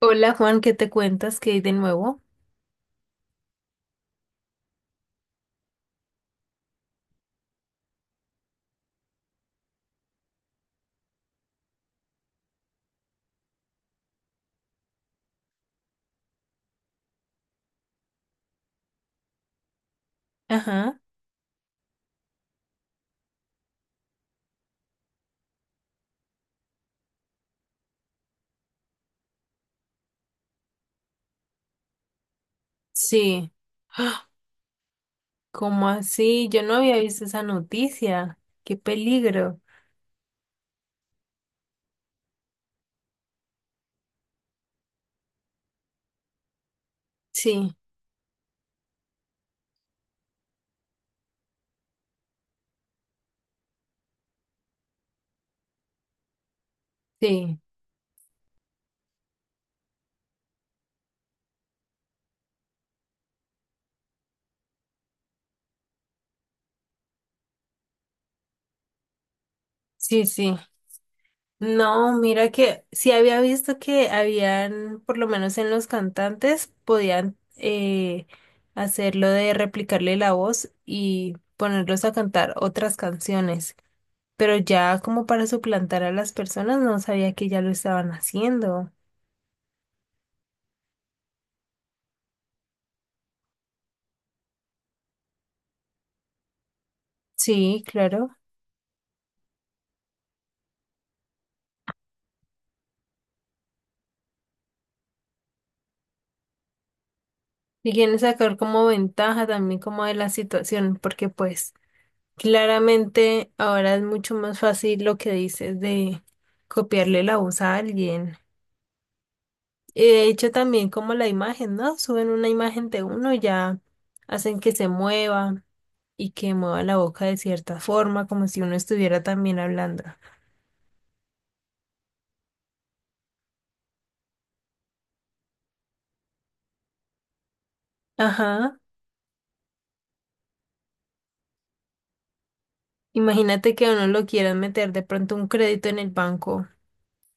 Hola Juan, ¿qué te cuentas? ¿Qué hay de nuevo? Ajá, sí. ¡Ah! ¿Cómo así? Yo no había visto esa noticia. ¡Qué peligro! Sí, sí, sí, sí. No, mira que sí había visto que habían, por lo menos en los cantantes, podían hacer de replicarle la voz y ponerlos a cantar otras canciones. Pero ya como para suplantar a las personas, no sabía que ya lo estaban haciendo. Sí, claro. Y quieren sacar como ventaja también como de la situación, porque pues claramente ahora es mucho más fácil lo que dices de copiarle la voz a alguien. Y de hecho también como la imagen, ¿no? Suben una imagen de uno, y ya hacen que se mueva y que mueva la boca de cierta forma, como si uno estuviera también hablando. Ajá. Imagínate que a uno lo quieran meter de pronto un crédito en el banco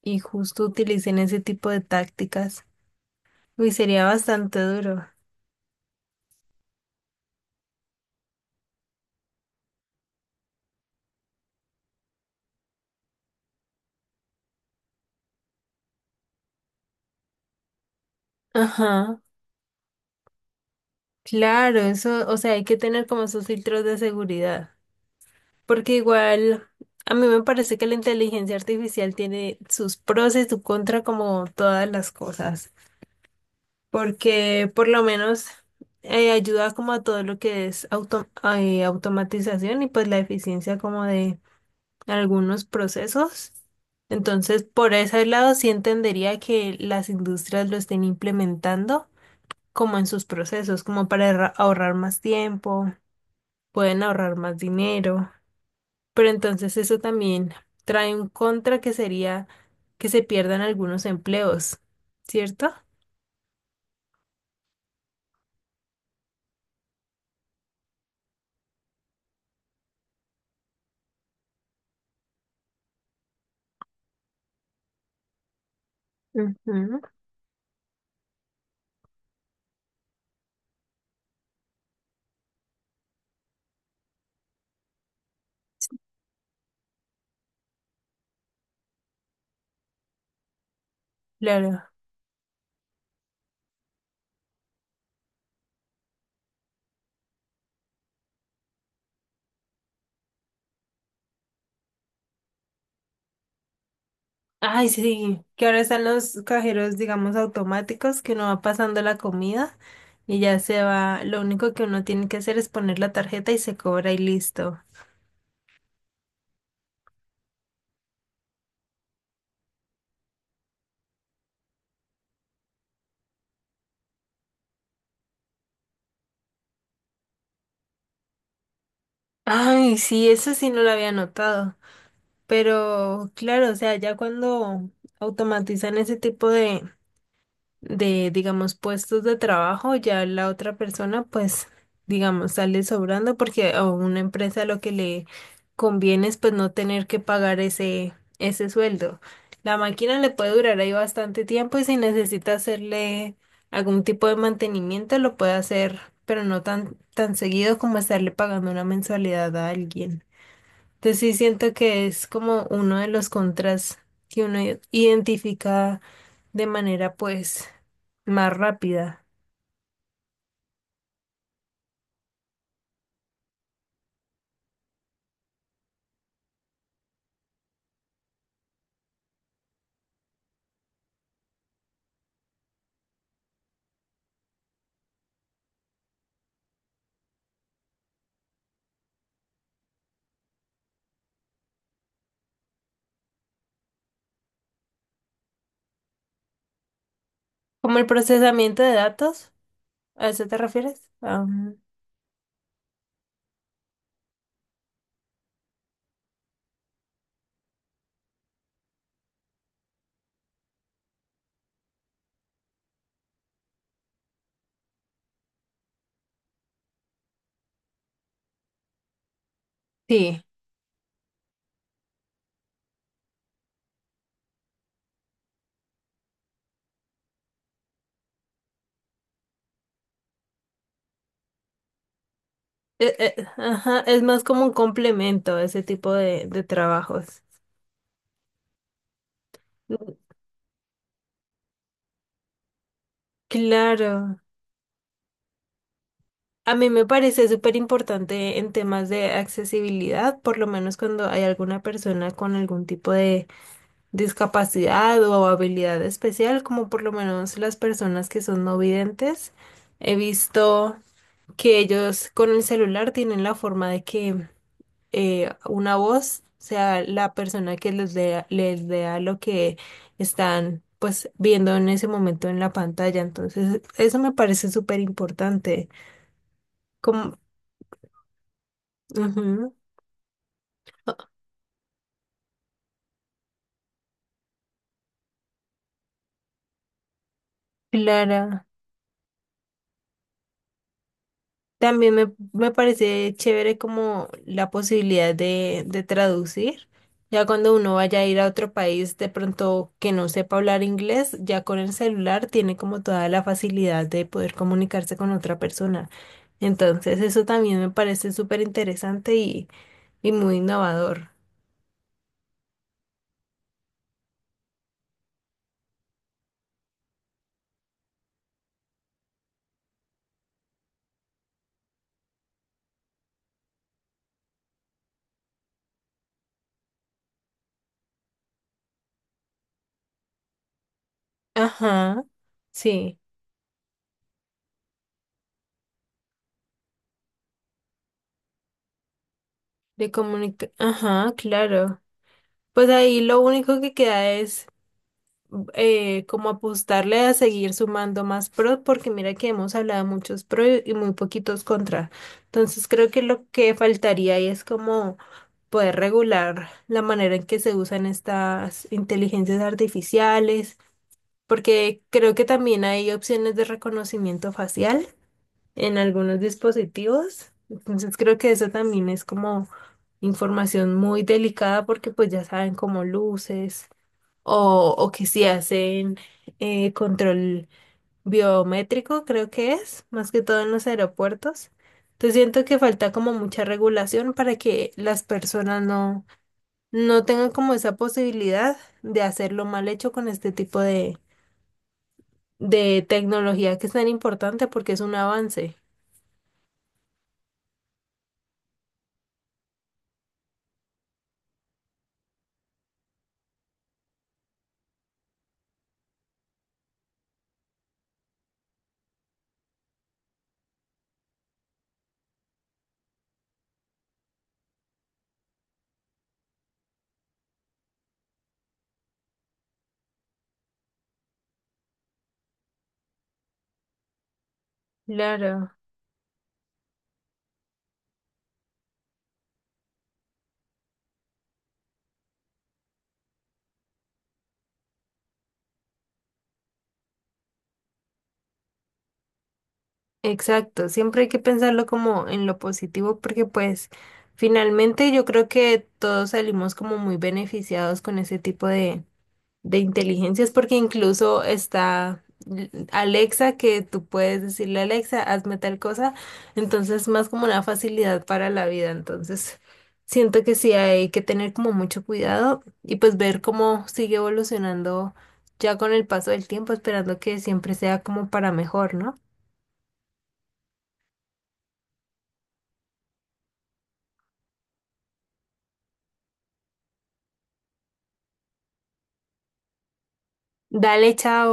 y justo utilicen ese tipo de tácticas. Uy, sería bastante duro. Ajá, claro, eso, o sea, hay que tener como esos filtros de seguridad, porque igual a mí me parece que la inteligencia artificial tiene sus pros y sus contras como todas las cosas, porque por lo menos ayuda como a todo lo que es automatización y pues la eficiencia como de algunos procesos. Entonces, por ese lado sí entendería que las industrias lo estén implementando, como en sus procesos, como para ahorrar más tiempo, pueden ahorrar más dinero, pero entonces eso también trae un contra que sería que se pierdan algunos empleos, ¿cierto? Ujú. Claro. Ay, sí, que ahora están los cajeros, digamos, automáticos, que uno va pasando la comida y ya se va, lo único que uno tiene que hacer es poner la tarjeta y se cobra y listo. Ay, sí, eso sí no lo había notado. Pero claro, o sea, ya cuando automatizan ese tipo de digamos, puestos de trabajo, ya la otra persona, pues, digamos, sale sobrando porque a una empresa lo que le conviene es pues no tener que pagar ese sueldo. La máquina le puede durar ahí bastante tiempo y si necesita hacerle algún tipo de mantenimiento, lo puede hacer, pero no tan seguido como estarle pagando una mensualidad a alguien. Entonces sí siento que es como uno de los contras que uno identifica de manera pues más rápida. Como el procesamiento de datos, ¿a eso te refieres? Ah, sí. Ajá, es más como un complemento a ese tipo de trabajos. Mm. Claro, a mí me parece súper importante en temas de accesibilidad, por lo menos cuando hay alguna persona con algún tipo de discapacidad o habilidad especial, como por lo menos las personas que son no videntes. He visto que ellos con el celular tienen la forma de que una voz sea la persona que les dé, les lea lo que están pues viendo en ese momento en la pantalla. Entonces, eso me parece súper importante. Como, ujú, Clara. También me parece chévere como la posibilidad de traducir. Ya cuando uno vaya a ir a otro país, de pronto que no sepa hablar inglés, ya con el celular tiene como toda la facilidad de poder comunicarse con otra persona. Entonces, eso también me parece súper interesante y muy innovador. Ajá, sí, de comunicar. Ajá, claro. Pues ahí lo único que queda es como apostarle a seguir sumando más pro, porque mira que hemos hablado muchos pro y muy poquitos contra. Entonces creo que lo que faltaría ahí es como poder regular la manera en que se usan estas inteligencias artificiales, porque creo que también hay opciones de reconocimiento facial en algunos dispositivos. Entonces creo que eso también es como información muy delicada porque pues ya saben como luces o que si hacen control biométrico, creo que es, más que todo en los aeropuertos. Entonces siento que falta como mucha regulación para que las personas no tengan como esa posibilidad de hacerlo mal hecho con este tipo de tecnología que es tan importante porque es un avance. Claro. Exacto, siempre hay que pensarlo como en lo positivo porque pues finalmente yo creo que todos salimos como muy beneficiados con ese tipo de inteligencias, porque incluso está Alexa, que tú puedes decirle Alexa, hazme tal cosa, entonces más como una facilidad para la vida, entonces siento que sí hay que tener como mucho cuidado y pues ver cómo sigue evolucionando ya con el paso del tiempo, esperando que siempre sea como para mejor, ¿no? Dale, chao.